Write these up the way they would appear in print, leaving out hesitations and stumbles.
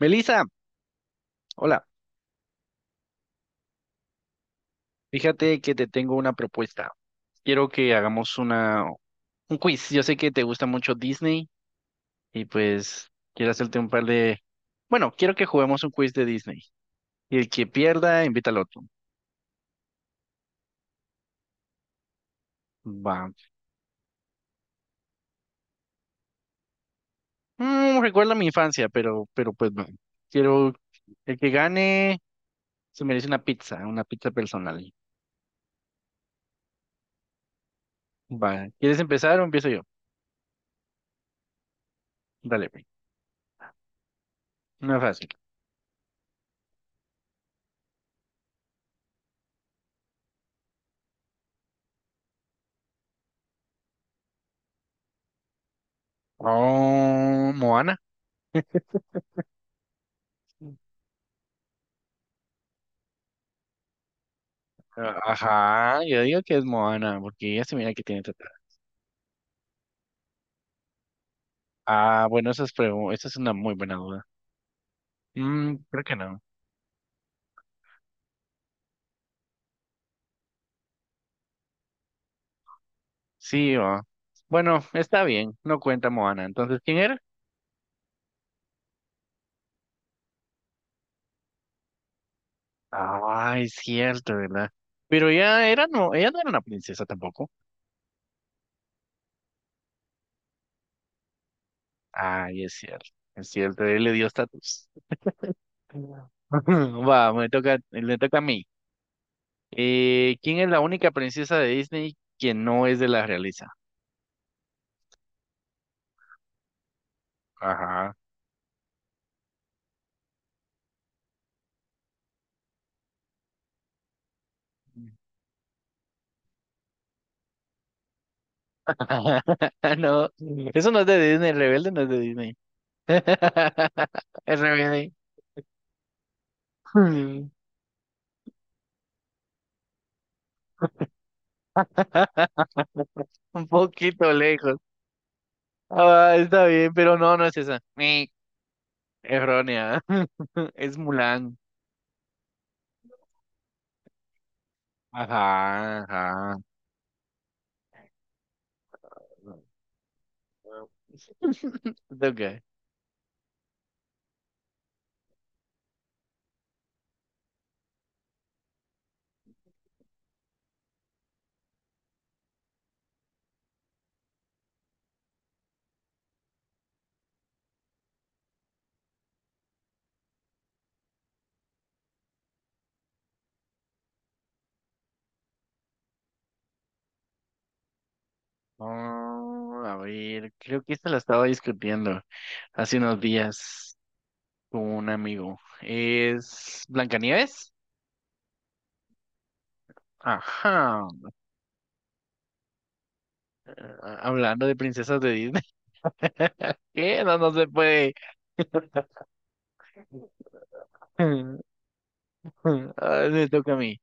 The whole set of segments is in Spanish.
Melissa, hola, fíjate que te tengo una propuesta. Quiero que hagamos una, un quiz. Yo sé que te gusta mucho Disney y pues quiero hacerte un par de... Bueno, quiero que juguemos un quiz de Disney. Y el que pierda, invita al otro. Va. Recuerda mi infancia, pero pues no. Quiero el que gane se merece una pizza personal. Va. ¿Quieres empezar o empiezo yo? Dale, güey. Una fácil. Oh, Moana. Ah, ajá, yo digo que es Moana, porque ella se mira que tiene teta. Ah, bueno, esa es, esa es una muy buena duda. Mm, creo que no. Sí, va. Bueno, está bien, no cuenta Moana. Entonces, ¿quién era? Ah, es cierto, ¿verdad? Pero ella era, no, ella no era una princesa tampoco. Ay, es cierto, él le dio estatus. Va, me toca, le toca a mí. ¿Quién es la única princesa de Disney que no es de la realeza? Ajá. No, eso no es de Disney, el rebelde no es de Disney. El rebelde. Mm. Un poquito lejos. Ah, está bien, pero no, no es esa. Ni errónea. Es Mulan. Ajá, ajá. Ok. Mm, a ver, creo que esta la estaba discutiendo hace unos días con un amigo. ¿Es Blancanieves? Ajá. Ah, hablando de princesas de Disney. ¿Qué? No, no se puede. Ay, me toca a mí.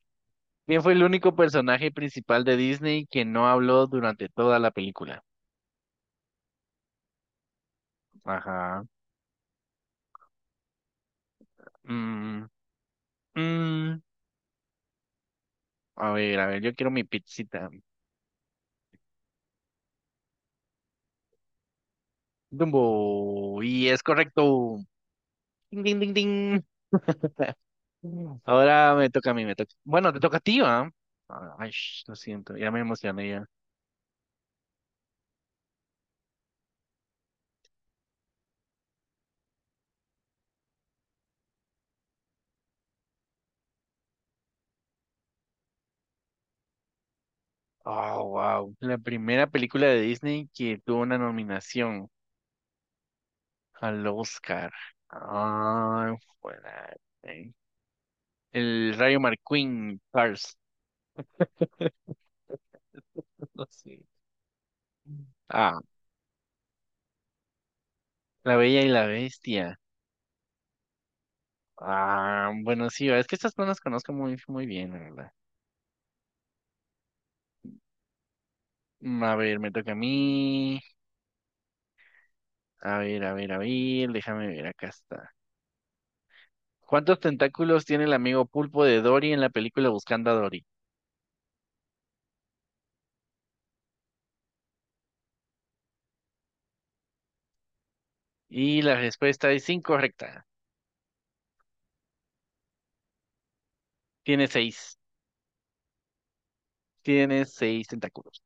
¿Quién fue el único personaje principal de Disney que no habló durante toda la película? Ajá. Mm, mm. A ver, yo quiero mi pizzita. Dumbo. Y es correcto. Ding, ding, ding, ding. Ahora me toca a mí, me toca. Bueno, te toca a ti, ¿va? Ah, ay, sh, lo siento, ya me emocioné ya. Oh, wow. La primera película de Disney que tuvo una nominación. Al Oscar. Ah, fuera. eh. El Rayo Marquín, Cars. No sé. Ah, La Bella y la Bestia. Ah, bueno, sí, es que estas no las conozco muy bien, la verdad. A ver, me toca a mí. A ver, a ver, a ver, déjame ver, acá está. ¿Cuántos tentáculos tiene el amigo pulpo de Dory en la película Buscando a Dory? Y la respuesta es incorrecta. Tiene seis. Tiene seis tentáculos.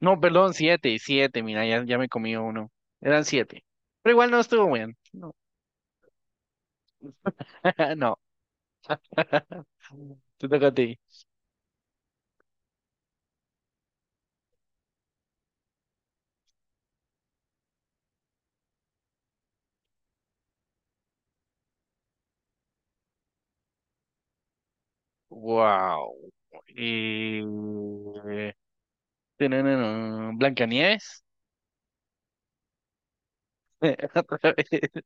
No, perdón, siete, mira, ya me comí uno. Eran siete. Pero igual no estuvo bien. No. No. Te toca a ti. Wow. Y... Tanana, Blancanieves. Otra vez.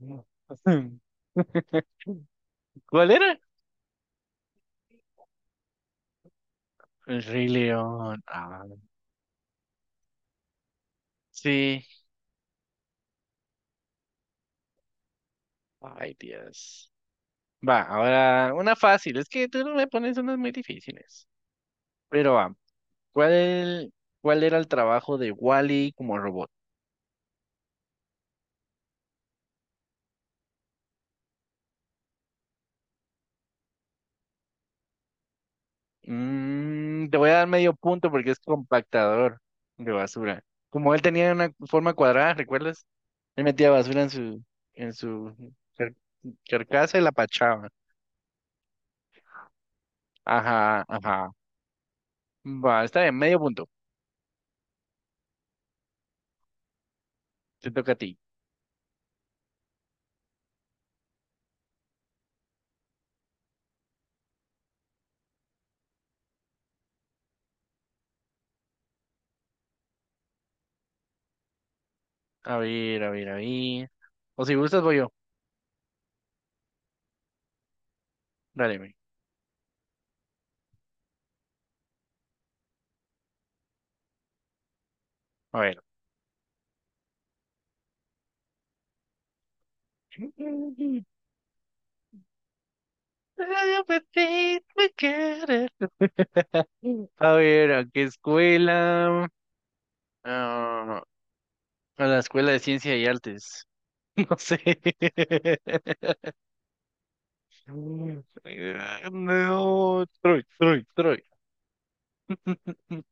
¿Cuál era? El Rey León. Ah, sí. Ay, Dios. Va, ahora una fácil. Es que tú no me pones unas muy difíciles. Pero va. ¿Cuál, cuál era el trabajo de Wally como robot? Mm, te voy a dar medio punto porque es compactador de basura. Como él tenía una forma cuadrada, ¿recuerdas? Él metía basura en su, en su car- carcasa y la pachaba. Ajá, ajá. Va, está bien, medio punto. Te toca a ti. A ver, a ver, a ver. O si gustas, voy yo. Dale, ve. A ver. A ver, ¿a qué escuela? Ah, a la Escuela de Ciencia y Artes. No sé. No, Troy, Troy.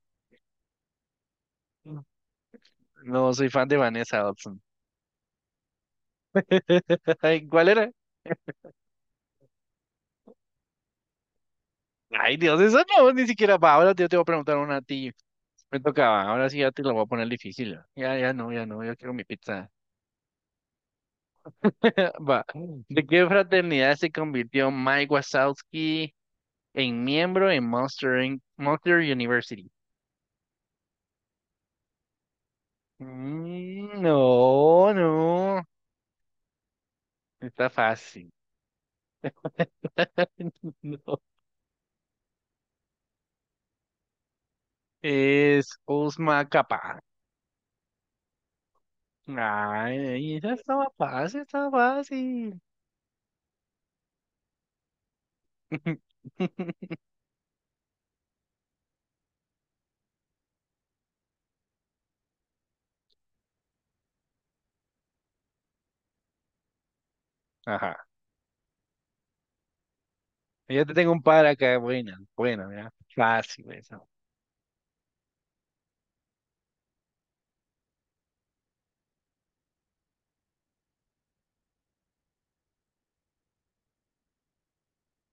No, soy fan de Vanessa Hudson. Ay, ¿cuál era? Ay, Dios, eso no, ni siquiera va. Ahora yo te voy a preguntar una a ti. Me tocaba, ahora sí ya te lo voy a poner difícil. Ya, ya no, ya no, yo quiero mi pizza. Va. ¿De qué fraternidad se convirtió Mike Wazowski en miembro en Monster University? Mm, no, no, está fácil. No, es Uzmacapa. Ay, esa estaba fácil, estaba fácil. Ajá. Ya te tengo un par acá, buena, buena, mira. Fácil eso.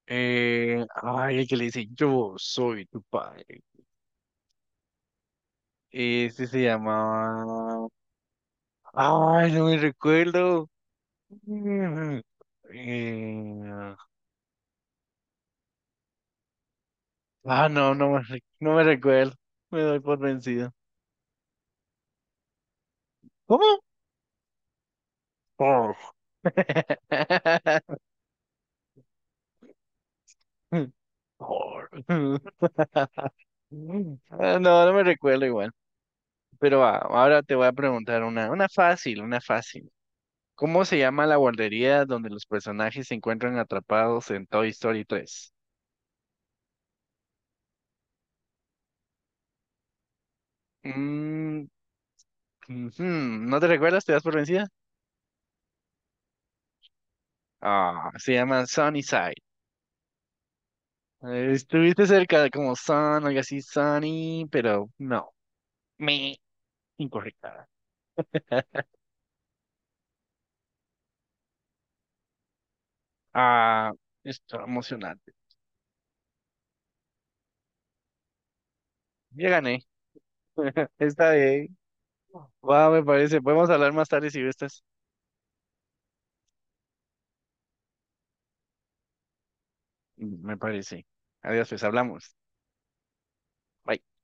Ay, el que le dice, yo soy tu padre. Este se llamaba... Ay, no me recuerdo. Mm, Eh, Ah, no, no me recuerdo. Me doy por vencido. ¿Cómo? Por. Por. Ah, no, no me recuerdo igual. Pero va, ahora te voy a preguntar una fácil, una fácil. ¿Cómo se llama la guardería donde los personajes se encuentran atrapados en Toy Story 3? Mm, ujú, ¿no te recuerdas? ¿Te das por vencida? Ah, se llama Sunnyside. Estuviste cerca como Sun, algo así, Sunny, pero no. Me, incorrecta. Ah, esto emocionante. Ya gané. Está bien. Va, me parece. Podemos hablar más tarde si gustas. Mm, me parece. Adiós, pues hablamos. Bye.